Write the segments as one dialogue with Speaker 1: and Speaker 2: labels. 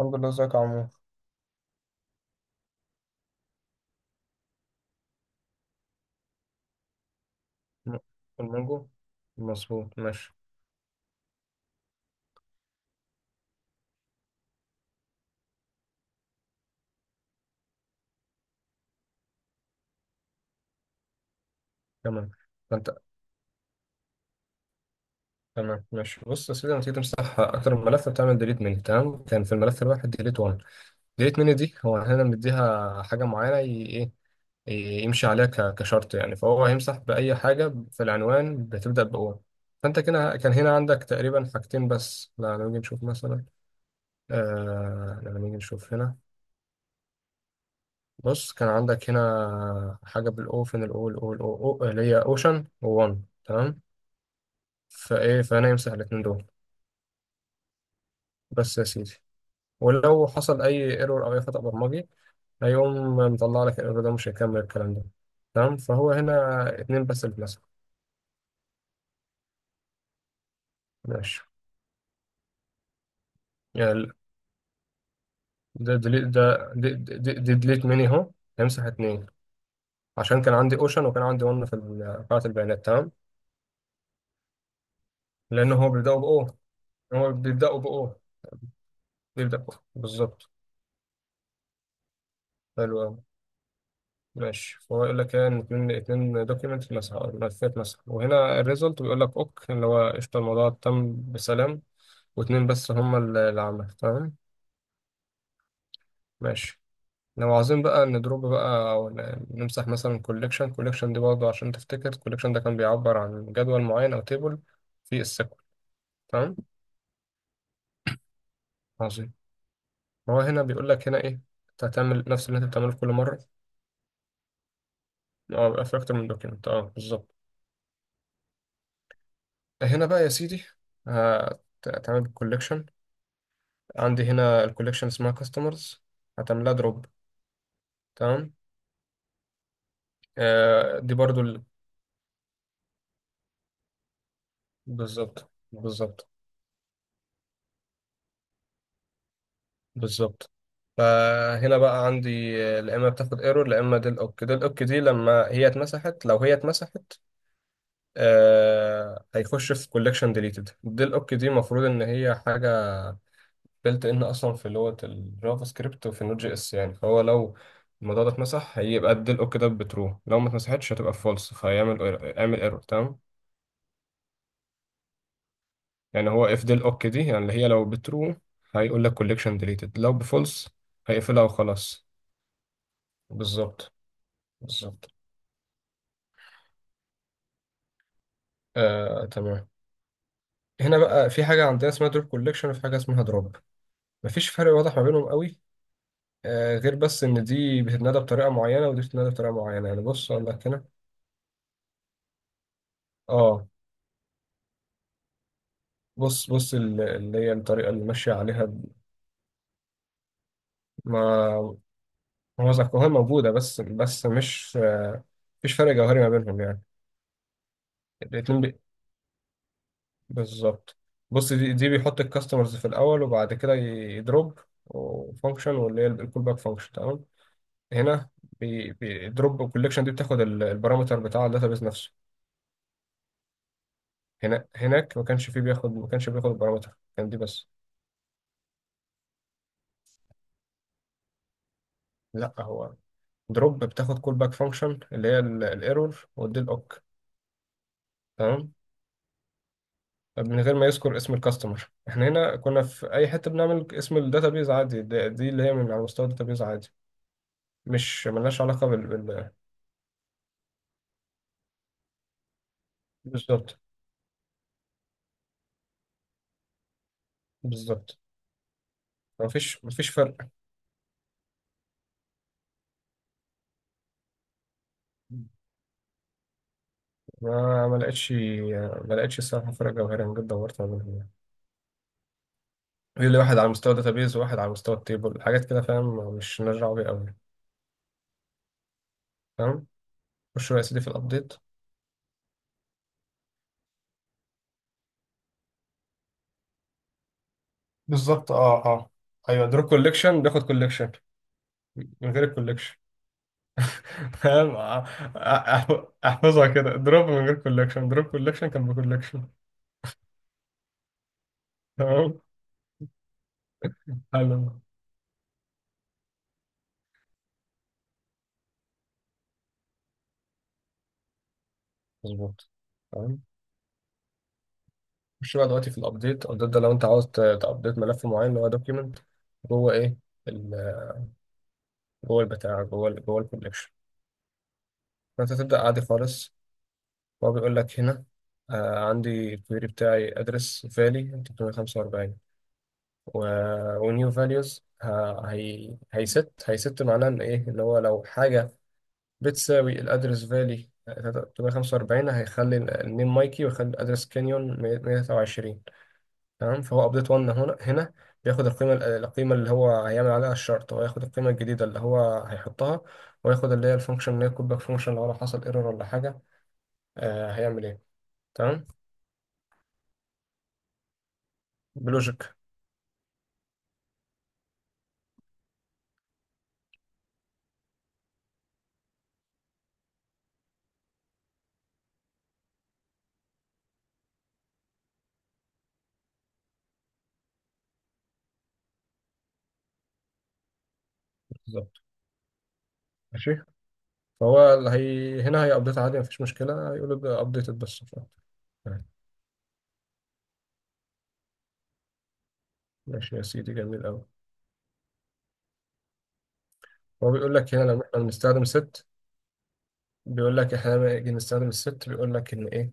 Speaker 1: الحمد لله، ازيك يا عمو. م- المانجو مظبوط، ماشي. تمام، فانت تمام، ماشي. بص يا سيدي، لما تيجي تمسح اكتر من ملف بتعمل ديليت مني. تمام، كان في الملف الواحد ديليت 1. ديليت مني دي هو هنا مديها حاجه معينه ايه، يمشي عليها كشرط، يعني فهو هيمسح باي حاجه في العنوان بتبدا بأو. فانت كده كان هنا عندك تقريبا حاجتين بس. لا، لما نيجي نشوف مثلا، آه لما نيجي نشوف هنا. بص، كان عندك هنا حاجة بالأوفن، الأو الأو الأو أو، اللي هي أوشن وون، تمام. فإيه، فأنا يمسح الاتنين دول بس يا سيدي. ولو حصل أي ايرور أو أي خطأ برمجي هيقوم مطلع لك الايرور ده، مش هيكمل الكلام ده. تمام، فهو هنا اتنين بس اللي اتمسحوا. ماشي. يعني ال- ده ديليت، ده دي ديليت مني أهو، هيمسح اتنين عشان كان عندي أوشن وكان عندي ون في قاعة البيانات. تمام، لأن هو بيبدأوا بأو، هو بيبدأوا بأو، بيبدأوا، بالظبط. حلو أوي. ماشي، فهو يقول لك ايه، ان اتنين، اتنين دوكيمنت مسح او ملفات مسح، وهنا الريزلت بيقول لك اوك، اللي هو قشطة، الموضوع تم بسلام. واتنين بس هما اللي عمل. تمام ماشي. لو عاوزين بقى ندروب بقى او نمسح مثلا كوليكشن. كوليكشن دي برضه، عشان تفتكر، كوليكشن ده كان بيعبر عن جدول معين او تيبل في السيكول. تمام، عظيم. هو هنا بيقول لك هنا ايه، انت هتعمل نفس اللي انت بتعمله كل مرة. اه، بيبقى في اكتر من دوكيمنت، اه بالظبط. هنا بقى يا سيدي، هت- هتعمل كوليكشن. عندي هنا الكوليكشن اسمها كاستمرز، هتعملها دروب. تمام. آه، دي برضو بالظبط. بالظبط، فهنا بقى عندي آه، لا اما بتاخد ايرور لا اما ديل اوك. ديل اوك دي لما هي اتمسحت، لو هي اتمسحت آه هيخش في كوليكشن ديليتد. ديل اوك دي المفروض ان هي حاجه بلت ان اصلا في لغه الجافا سكريبت وفي النوت جي اس، يعني فهو لو الموضوع ده اتمسح هيبقى الديل اوك ده بترو، لو ما اتمسحتش هتبقى فولس، فهيعمل، اعمل ايرور. تمام، يعني هو if del ok دي يعني اللي هي لو بترو هيقول لك collection deleted، لو بفولس هيقفلها وخلاص. بالظبط، بالظبط. آه تمام، هنا بقى في حاجة عندنا اسمها drop collection وفي حاجة اسمها drop، مفيش فرق واضح ما بينهم قوي، آه غير بس إن دي بتتنادى بطريقة معينة ودي بتتنادى بطريقة معينة، يعني بص أقول لك هنا. آه، بص اللي هي الطريقة اللي ماشية عليها. ما هو ذكرها موجودة، بس مش آه، مفيش فرق جوهري ما بينهم يعني. الاتنين، بالظبط. بص دي, دي بيحط الكاستمرز في الاول وبعد كده يدروب وفانكشن، واللي هي الكول باك فانكشن. تمام. هنا بيدروب الكوليكشن، دي بتاخد البارامتر بتاع الداتابيز نفسه. هنا هناك ما كانش فيه بياخد، ما كانش بياخد البارامتر، كان دي بس. لا، هو دروب بتاخد كول باك فانكشن، اللي هي الايرور ودي الاوك. تمام، من غير ما يذكر اسم الكاستمر، احنا هنا كنا في اي حته بنعمل اسم الداتابيز عادي. دي, دي اللي هي من على مستوى الداتابيز عادي، مش ملهاش علاقه بال بالظبط، بالظبط. مفيش فرق، ما لقيتش، ما لقيتش الصراحة فرق جوهري. أنا جدا دورت ما بينهم يعني، يقول لي واحد على مستوى داتابيز وواحد على مستوى التيبل، حاجات كده فاهم، مش مالناش دعوة بيها أوي، فاهم. خش يا سيدي في الأبديت. بالظبط، اه اه، أيوة دروب كوليكشن بياخد كوليكشن، من غير الكوليكشن. فاهم، أحفظها كده، دروب من غير كوليكشن، دروب كوليكشن كان بكوليكشن. تمام. حلو، مظبوط، تمام. خش بقى دلوقتي في الابديت. الابديت ده لو انت عاوز تابديت ملف معين اللي هو دوكيمنت جوه ايه، ال- جوه البتاع، جوه جوه الكوليكشن، فانت تبدا عادي خالص. هو بيقول لك هنا آه، عندي الكويري بتاعي ادرس فالي 345 و... ونيو فاليوز هيست. هيست معناه ان ايه، ان هو لو حاجه بتساوي الادرس فالي 345، هيخلي النيم مايكي ويخلي الادرس كانيون 123. تمام، فهو ابديت 1 هنا، هنا بياخد القيمه، القيمه اللي هو هيعمل عليها الشرط، هو ياخد القيمه الجديده اللي هو هيحطها، وياخد اللي هي الفانكشن اللي هي الكودباك فانكشن لو حصل ايرور ولا حاجه آه هيعمل ايه. تمام. بلوجيك، بالظبط. ماشي، فهو اللي هي هنا هي ابديت عادي، مفيش مشكله، هيقول له ابديتد بس ف- تمام. ماشي يا سيدي، جميل قوي. هو بيقول لك هنا لما احنا بنستخدم ست، بيقول لك احنا لما نيجي نستخدم الست بيقول لك ان ايه،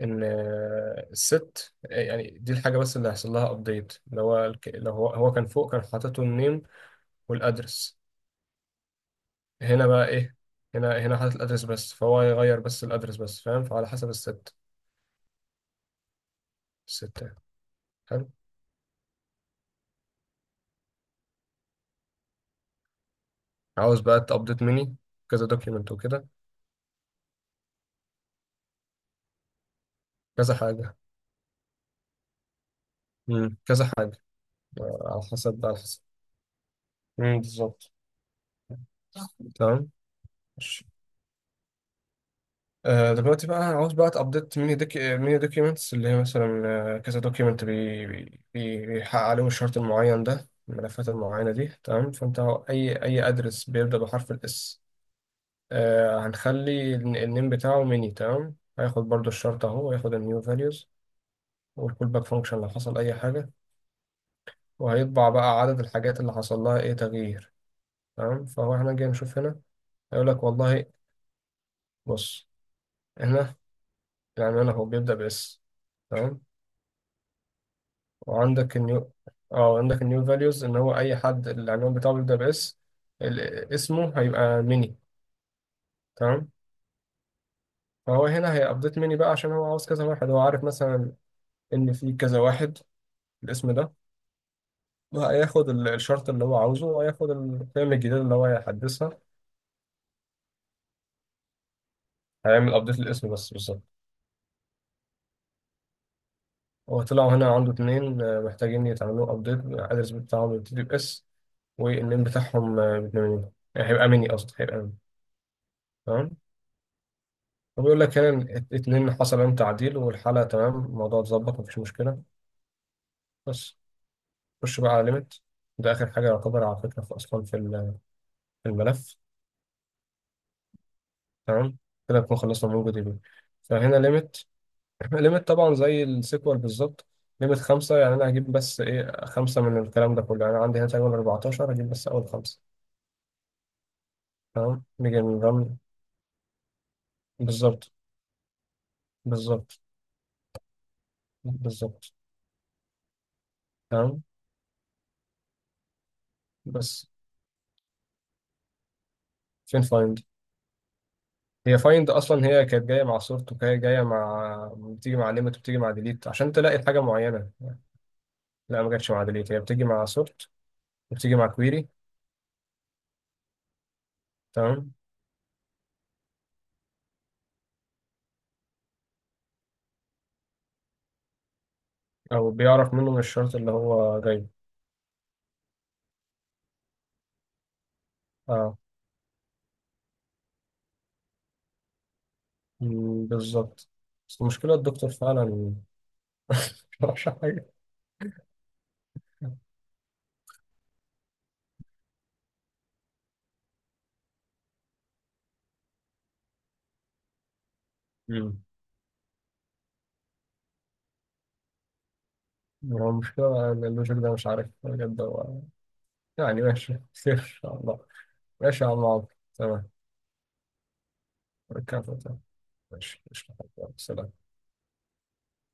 Speaker 1: ان آه، الست آه، يعني دي الحاجه بس اللي هيحصل لها ابديت، اللي هو لو هو كان فوق كان حاطط النيم والادرس. هنا بقى ايه، هنا هنا حاطط الادرس بس، فهو يغير بس الادرس بس فاهم، فعلى حسب الست، الست يعني. حلو. عاوز بقى تابديت مني كذا دوكيمنت وكده. كذا حاجه، كذا حاجه. آه، على حسب، على حسب. بالظبط. تمام. آه، دلوقتي بقى عاوز بقى تابديت ميني دوك، ميني دوكيومنتس، اللي هي مثلا آه، كذا دوكيومنت بيحقق عليهم الشرط المعين ده، الملفات المعينة دي، تمام. فانت اي، اي ادرس بيبدأ بحرف الاس هنخلي النيم بتاعه ميني. تمام، هياخد برضو الشرط اهو، هياخد النيو فاليوز والكول باك فانكشن لو حصل اي حاجة، وهيطبع بقى عدد الحاجات اللي حصل لها ايه تغيير. تمام، فهو احنا جاي نشوف هنا، هيقول لك والله، بص، هنا العنوان اهو بيبدأ باس، تمام، وعندك النيو، اه عندك النيو فاليوز، ان هو اي حد العنوان بتاعه بيبدأ باس اسمه هيبقى ميني. تمام، فهو هنا هيابديت ميني بقى، عشان هو عاوز كذا واحد، هو عارف مثلا ان في كذا واحد الاسم ده، وهياخد الشرط اللي هو عاوزه، وهياخد القيم الجديدة اللي هو هيحدثها. هيعمل ابديت للاسم بس، بالظبط. هو طلعوا هنا عنده اتنين آه، محتاجين يتعملوا ابديت، الادرس بتاعهم يبتدي باس والنيم بتاعهم آه، باتنين هيبقى ميني، قصدي هيبقى ميني. تمام، وبيقول لك هنا إن اتنين حصل عليهم تعديل، والحالة تمام، الموضوع اتظبط مفيش مشكلة. بس خش بقى على ليميت، ده آخر حاجة يعتبر، على فكرة في أصلا في في الملف. تمام، كده نكون خلصنا من دي بي. فهنا ليميت، ليميت طبعا زي السيكوال بالظبط. ليميت خمسة، يعني أنا هجيب بس إيه، خمسة من الكلام ده كله، يعني عندي هنا تقريبا 14، هجيب بس أول خمسة. تمام نيجي نرن. بالظبط بالظبط، بالظبط، تمام. بس فين find؟ هي فايند اصلا هي كانت جايه مع صورته، وهي جايه مع، بتيجي مع ليميت، وبتيجي مع ديليت عشان تلاقي حاجه معينه. لا، ما جاتش مع ديليت، هي بتيجي مع سورت وبتيجي مع كويري. تمام، او بيعرف منه من الشرط اللي هو جايبه، اه. مم، بالظبط. بس المشكله الدكتور فعلا مش عارف حاجه. مم. هو المشكله ان اللوجيك ده مش عارف بجد هو، يعني ماشي خير ان شاء الله. ماشي يا عم عمرو، تمام، ركبت، تمام، ماشي مش